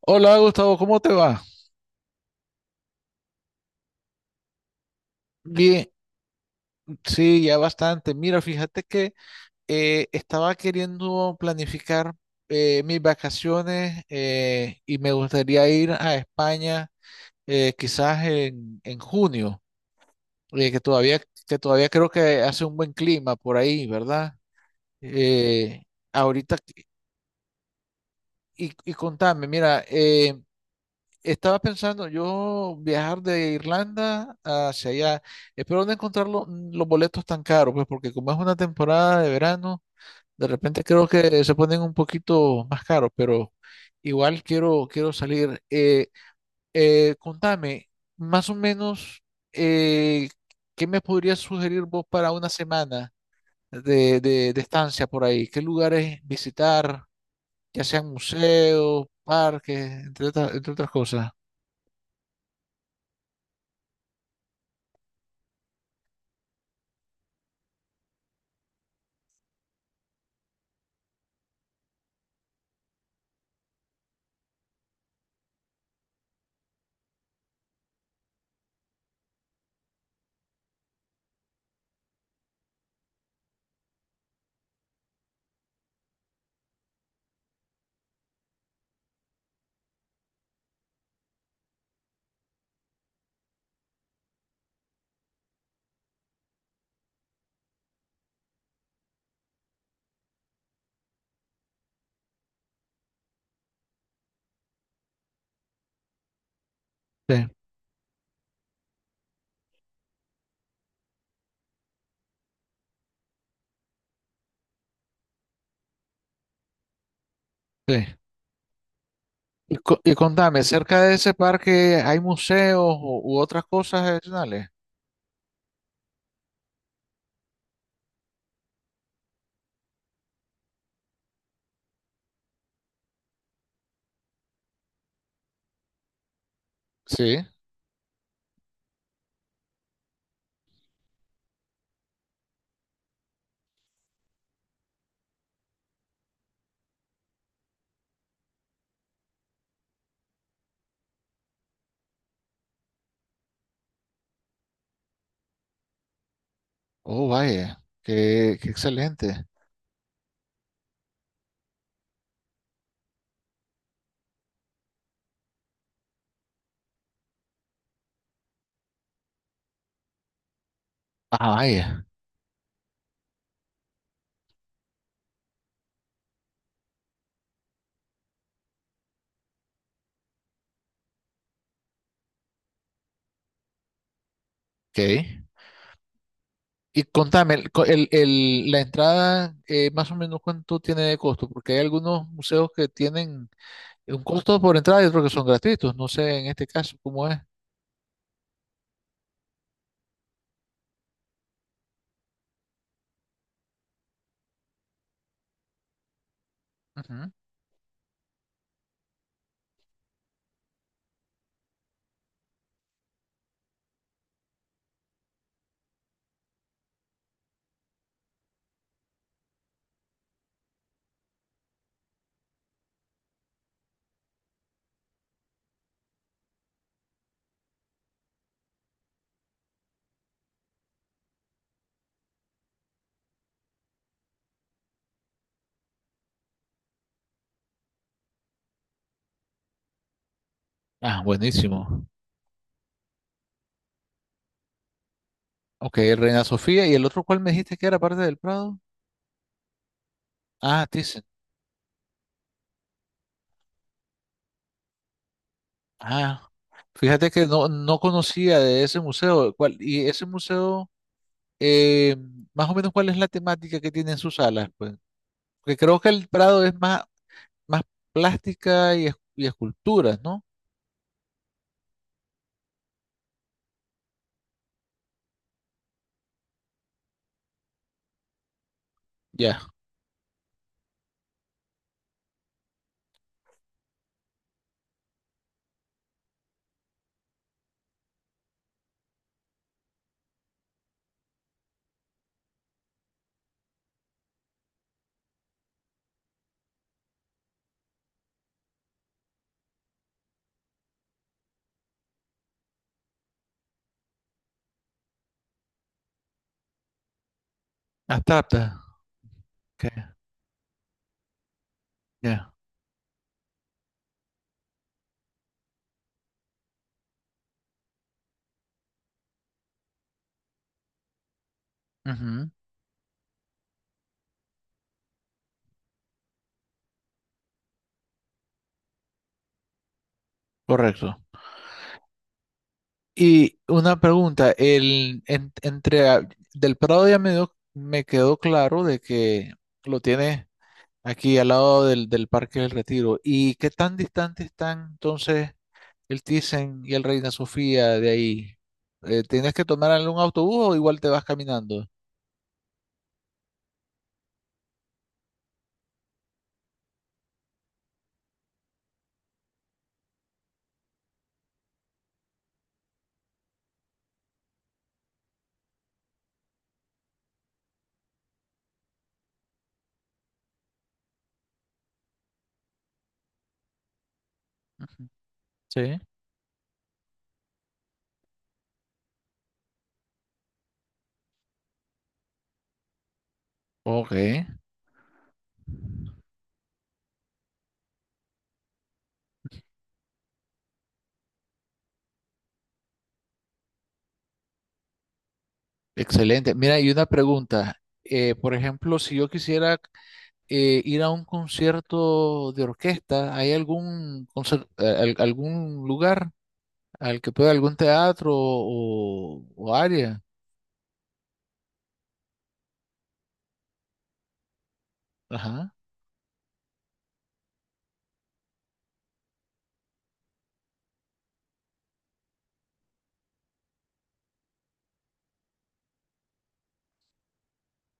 Hola Gustavo, ¿cómo te va? Bien, sí, ya bastante. Mira, fíjate que estaba queriendo planificar mis vacaciones y me gustaría ir a España quizás en junio, eh, que todavía, que todavía creo que hace un buen clima por ahí, ¿verdad? Eh, Ahorita, y contame, mira, estaba pensando yo viajar de Irlanda hacia allá. Espero no encontrar los boletos tan caros, pues porque como es una temporada de verano, de repente creo que se ponen un poquito más caros, pero igual quiero salir. Contame, más o menos, eh, ¿qué me podrías sugerir vos para una semana de estancia por ahí? ¿Qué lugares visitar? Ya sean museos, parques, entre otras cosas. Sí, sí. Y, y contame, cerca de ese parque hay museos u otras cosas adicionales. Sí. Oh, vaya. Qué, qué excelente. Ah, vaya. Ok. Y contame, el, co- el- la entrada, más o menos, ¿cuánto tiene de costo? Porque hay algunos museos que tienen un costo por entrada y otros que son gratuitos. No sé en este caso cómo es. Ujú. Ah, buenísimo. Ok, Reina Sofía. ¿Y el otro cuál me dijiste que era parte del Prado? Ah, Thyssen. Ah, fíjate que no, no conocía de ese museo. ¿Y ese museo, eh, más o menos, cuál es la temática que tiene en sus salas? Pues, porque creo que el Prado es más plástica y, y esculturas, ¿no? Ya. Abstracta. Ok. Ya. Ujú. Correcto. Y una pregunta, el, en- entre a- del Prado ya me, me quedó claro de que lo tiene aquí al lado del, del Parque del Retiro. ¿Y qué tan distante están entonces el Thyssen y el Reina Sofía de ahí? ¿Tienes que tomar algún autobús o igual te vas caminando? Ujú. Sí. Ok, excelente. Mira, y una pregunta. Por ejemplo, si yo quisiera ir a un concierto de orquesta, ¿hay algún lugar al que pueda, algún teatro o área? Ajá,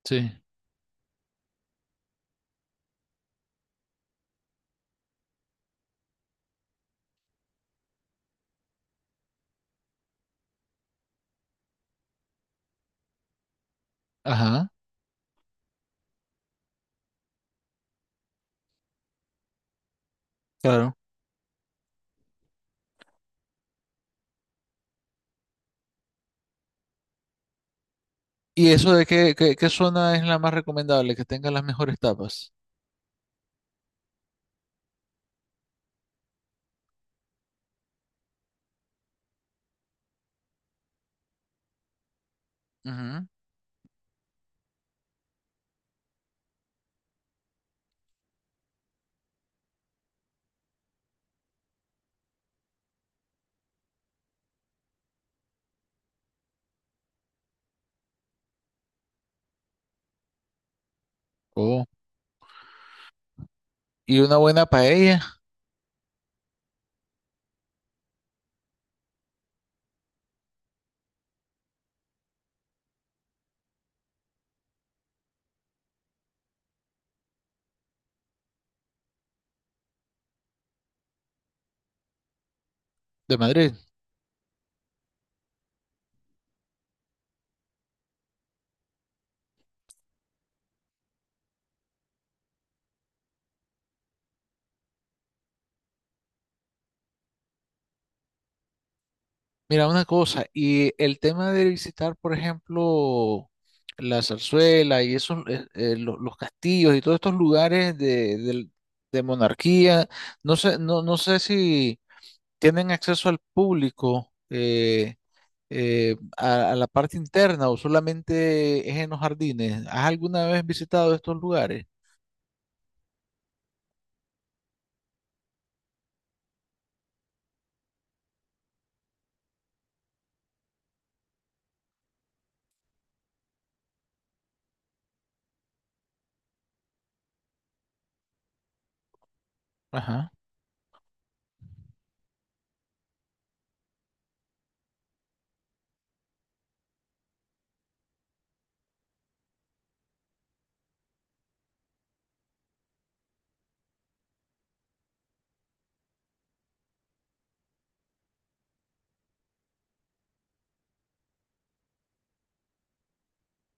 sí, ajá, claro. ¿Y eso de qué, qué, qué zona es la más recomendable, que tenga las mejores tapas? Ujú. ¿Y una buena paella de Madrid? Mira, una cosa, y el tema de visitar, por ejemplo, la Zarzuela y esos, los castillos y todos estos lugares de monarquía, no sé, no, no sé si tienen acceso al público a la parte interna, o solamente es en los jardines. ¿Has alguna vez visitado estos lugares? Ajá,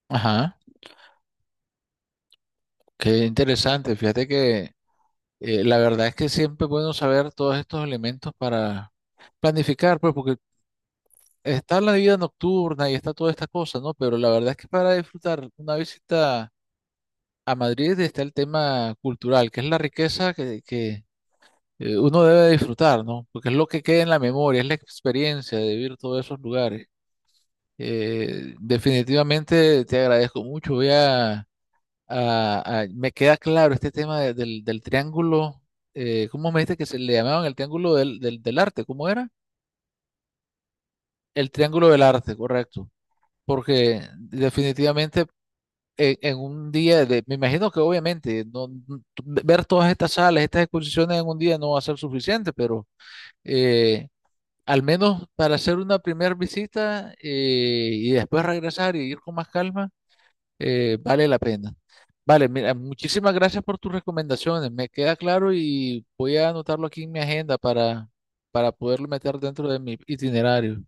ajá, qué interesante. Fíjate que la verdad es que siempre es bueno saber todos estos elementos para planificar, pues porque está la vida nocturna y está toda esta cosa, ¿no? Pero la verdad es que para disfrutar una visita a Madrid está el tema cultural, que es la riqueza que uno debe disfrutar, ¿no? Porque es lo que queda en la memoria, es la experiencia de vivir todos esos lugares. Definitivamente te agradezco mucho. Voy a... Ah, ah, me queda claro este tema del triángulo, ¿cómo me dijiste que se le llamaban? ¿El triángulo del arte? ¿Cómo era? El triángulo del arte, correcto. Porque definitivamente en un día, de, me imagino que obviamente ver todas estas salas, estas exposiciones en un día no va a ser suficiente, pero eh, al menos para hacer una primera visita y después regresar y ir con más calma, vale la pena. Vale, mira, muchísimas gracias por tus recomendaciones. Me queda claro y voy a anotarlo aquí en mi agenda para poderlo meter dentro de mi itinerario.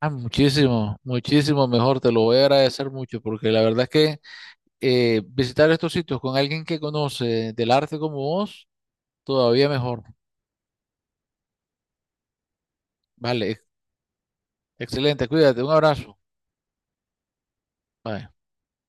Ah, muchísimo, muchísimo mejor. Te lo voy a agradecer mucho porque la verdad es que visitar estos sitios con alguien que conoce del arte como vos, todavía mejor. Vale, excelente. Cuídate. Un abrazo. Bye.